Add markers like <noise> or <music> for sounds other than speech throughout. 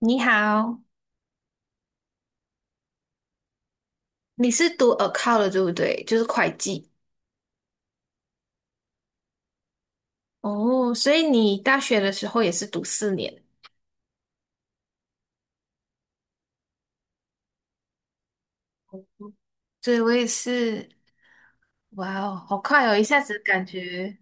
你好，你是读 account 的对不对？就是会计哦，所以你大学的时候也是读4年。对，我也是，哇哦，好快哦！一下子感觉，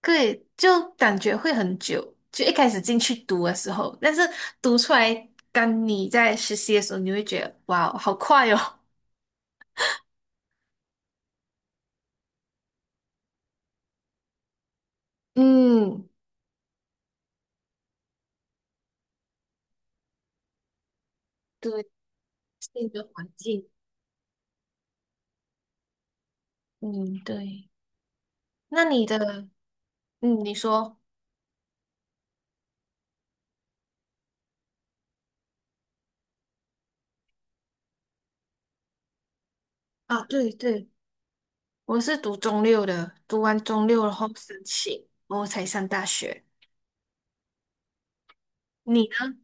对，就感觉会很久。就一开始进去读的时候，但是读出来，当你在实习的时候，你会觉得，哇哦，好快哦。嗯，对，是一个环境。嗯，对。那你的，嗯，你说啊，对对。我是读中六的，读完中六然后申请，然后才上大学。你呢？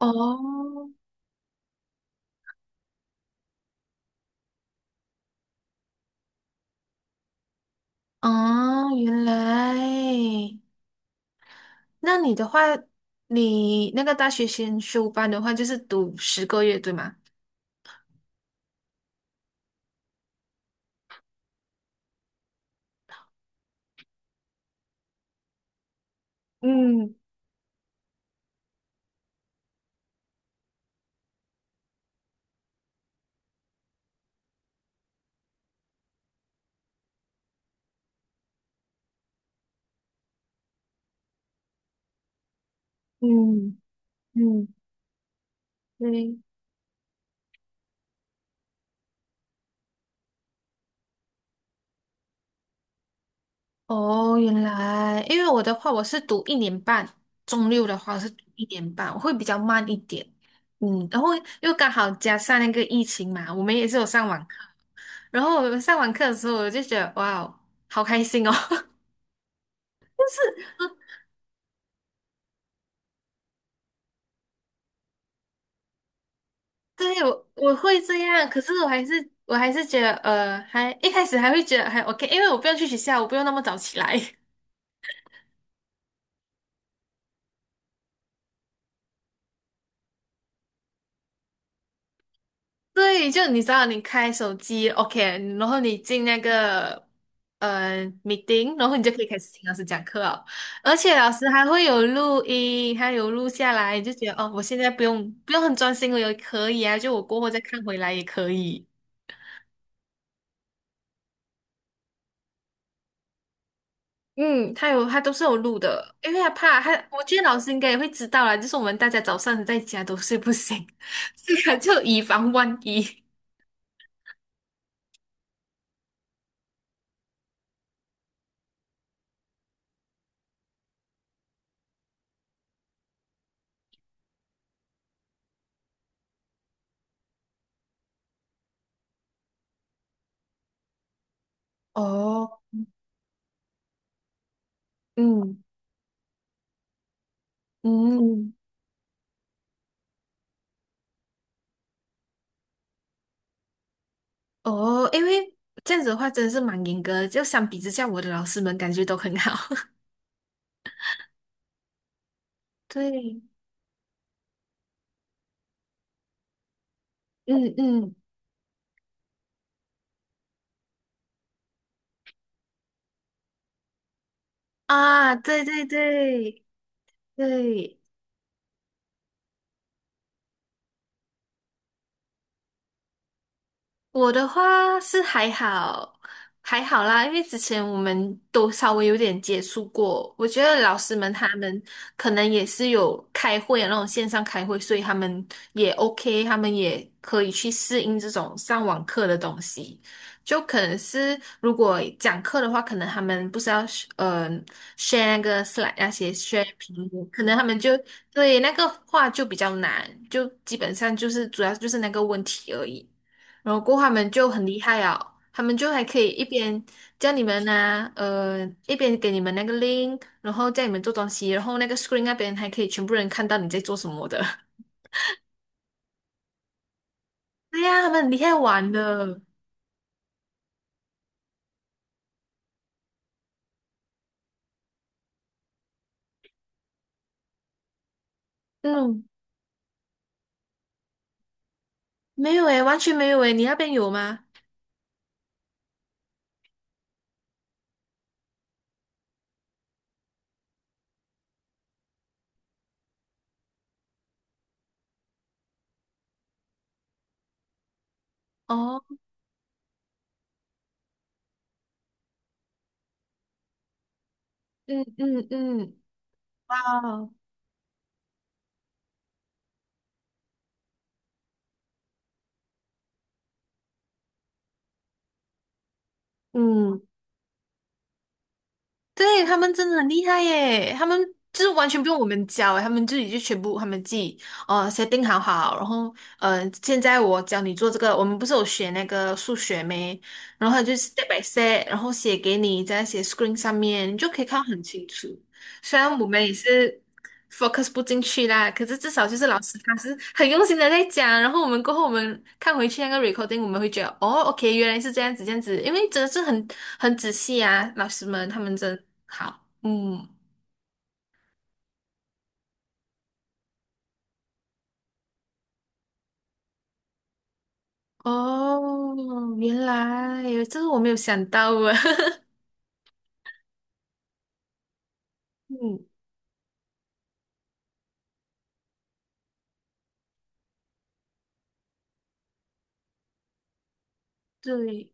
哦，哦，原来，那你的话，你那个大学先修班的话，就是读10个月，对吗？嗯嗯嗯，对，哦，原来，因为我的话，我是读一年半，中六的话是读一年半，我会比较慢一点。嗯，然后又刚好加上那个疫情嘛，我们也是有上网然后我们上完课的时候，我就觉得哇哦，好开心哦！<laughs> 对，我会这样，可是我还是觉得还一开始还会觉得还 OK，因为我不用去学校，我不用那么早起来。<laughs> 对，就你知道，你开手机 OK，然后你进那个meeting，然后你就可以开始听老师讲课了，而且老师还会有录音，还有录下来，你就觉得哦，我现在不用很专心，我也可以啊，就我过后再看回来也可以。嗯，他有，他都是有录的，因为他怕他，我觉得老师应该也会知道啦，就是我们大家早上在家都睡不醒，<laughs> 所以他就以防万一。<laughs> 哦，嗯嗯，哦，因为这样子的话真的是蛮严格的，就相比之下，我的老师们感觉都很好。<laughs> 对，嗯嗯，啊，对对对对，我的话是还好，还好啦，因为之前我们都稍微有点接触过，我觉得老师们他们可能也是有开会啊，那种线上开会，所以他们也 OK，他们也可以去适应这种上网课的东西。就可能是如果讲课的话，可能他们不是要呃 share 那个 s l 那些 share 屏幕，可能他们就对那个话就比较难，就基本上就是主要就是那个问题而已。然后过后他们就很厉害啊，他们就还可以一边叫你们啊，一边给你们那个 link，然后叫你们做东西，然后那个 screen 那边还可以全部人看到你在做什么的。<laughs> 对呀，他们很厉害玩的。嗯，没有诶，完全没有诶，你那边有吗？哦，嗯嗯嗯，哇哦，嗯。对，他们真的很厉害耶！他们就是完全不用我们教耶，他们自己就全部他们自己定好好，然后现在我教你做这个，我们不是有学那个数学没？然后他就 step by step，然后写给你，在写 screen 上面，你就可以看得很清楚。虽然我们也是 focus 不进去啦，可是至少就是老师他是很用心的在讲，然后我们过后我们看回去那个 recording，我们会觉得哦，OK，原来是这样子这样子，因为真的是很仔细啊，老师们他们真好，嗯，哦，原来这个我没有想到啊，<laughs> 嗯，对，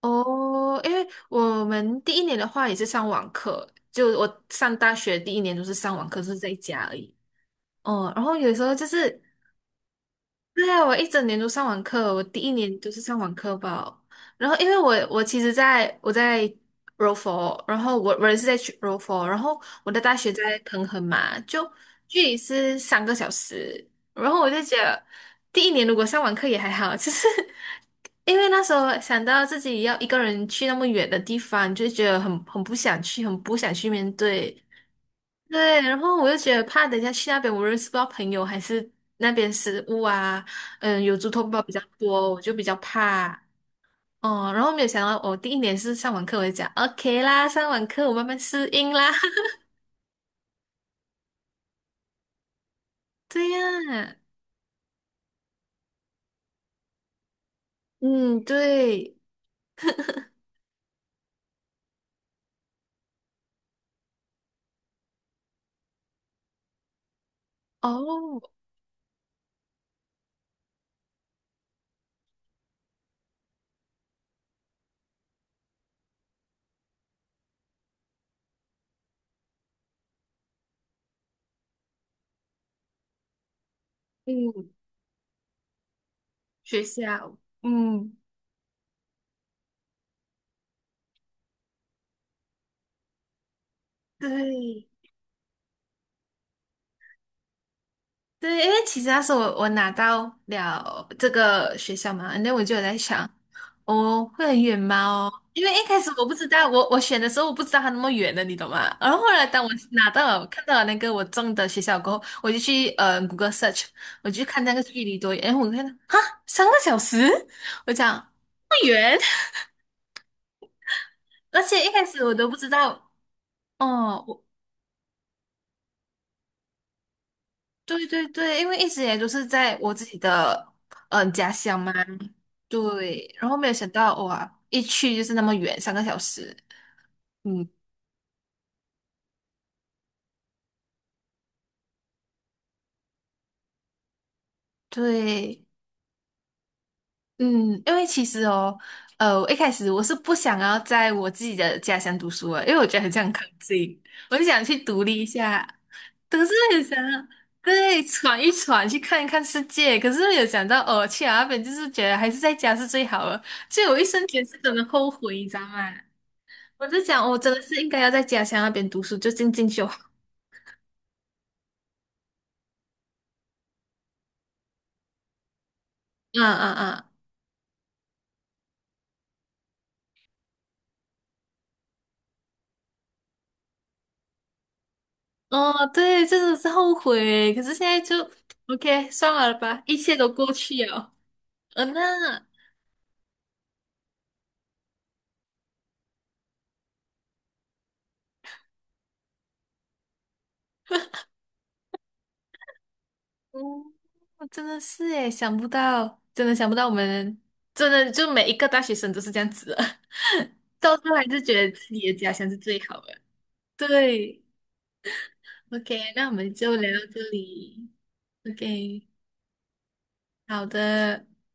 哦，因为我们第一年的话也是上网课，就我上大学第一年都是上网课，就是在家而已。哦，然后有时候就是对啊，我一整年都上网课，我第一年都是上网课吧。然后，因为我其实在我在 柔佛，然后我也是在去柔佛，然后我的大学在彭亨嘛，就距离是三个小时。然后我就觉得第一年如果上网课也还好，就是 <laughs> 因为那时候想到自己要一个人去那么远的地方，就觉得很不想去，很不想去面对。对，然后我就觉得怕，等一下去那边我认识不到朋友，还是那边食物啊，嗯，有猪头包比较多，我就比较怕。哦，然后没有想到，我第一年是上完课，我就讲 OK 啦，上完课我慢慢适应啦。<laughs> 对呀，嗯，对，哦，嗯，学校，嗯，对。对，因为其实那时候我拿到了这个学校嘛，那我就有在想，哦，会很远吗？哦因为一开始我不知道，我选的时候我不知道它那么远的，你懂吗？然后后来当我拿到了看到了那个我中的学校过后，我就去谷歌 search，我就看那个距离多远，然后我看到哈三个小时，我讲不远，<laughs> 而且一开始我都不知道哦，对对对，因为一直也都是在我自己的家乡嘛，对，然后没有想到哇，一去就是那么远，三个小时，嗯，对，嗯，因为其实哦，我一开始我是不想要在我自己的家乡读书的，因为我觉得很像靠近，我就想去独立一下，可是很想对闯一闯，去看一看世界，可是没有想到哦，去了那边就是觉得还是在家是最好的，所以我一生间是真的后悔，你知道吗？我就想，我真的是应该要在家乡那边读书，就进修。嗯嗯嗯，哦，对，真的是后悔。可是现在就 OK，算了吧，一切都过去了。嗯那嗯，我真的是诶，想不到，真的想不到，我们真的就每一个大学生都是这样子的，<laughs> 到最后还是觉得自己的家乡是最好的。对，OK，那我们就聊到这里。OK，好的。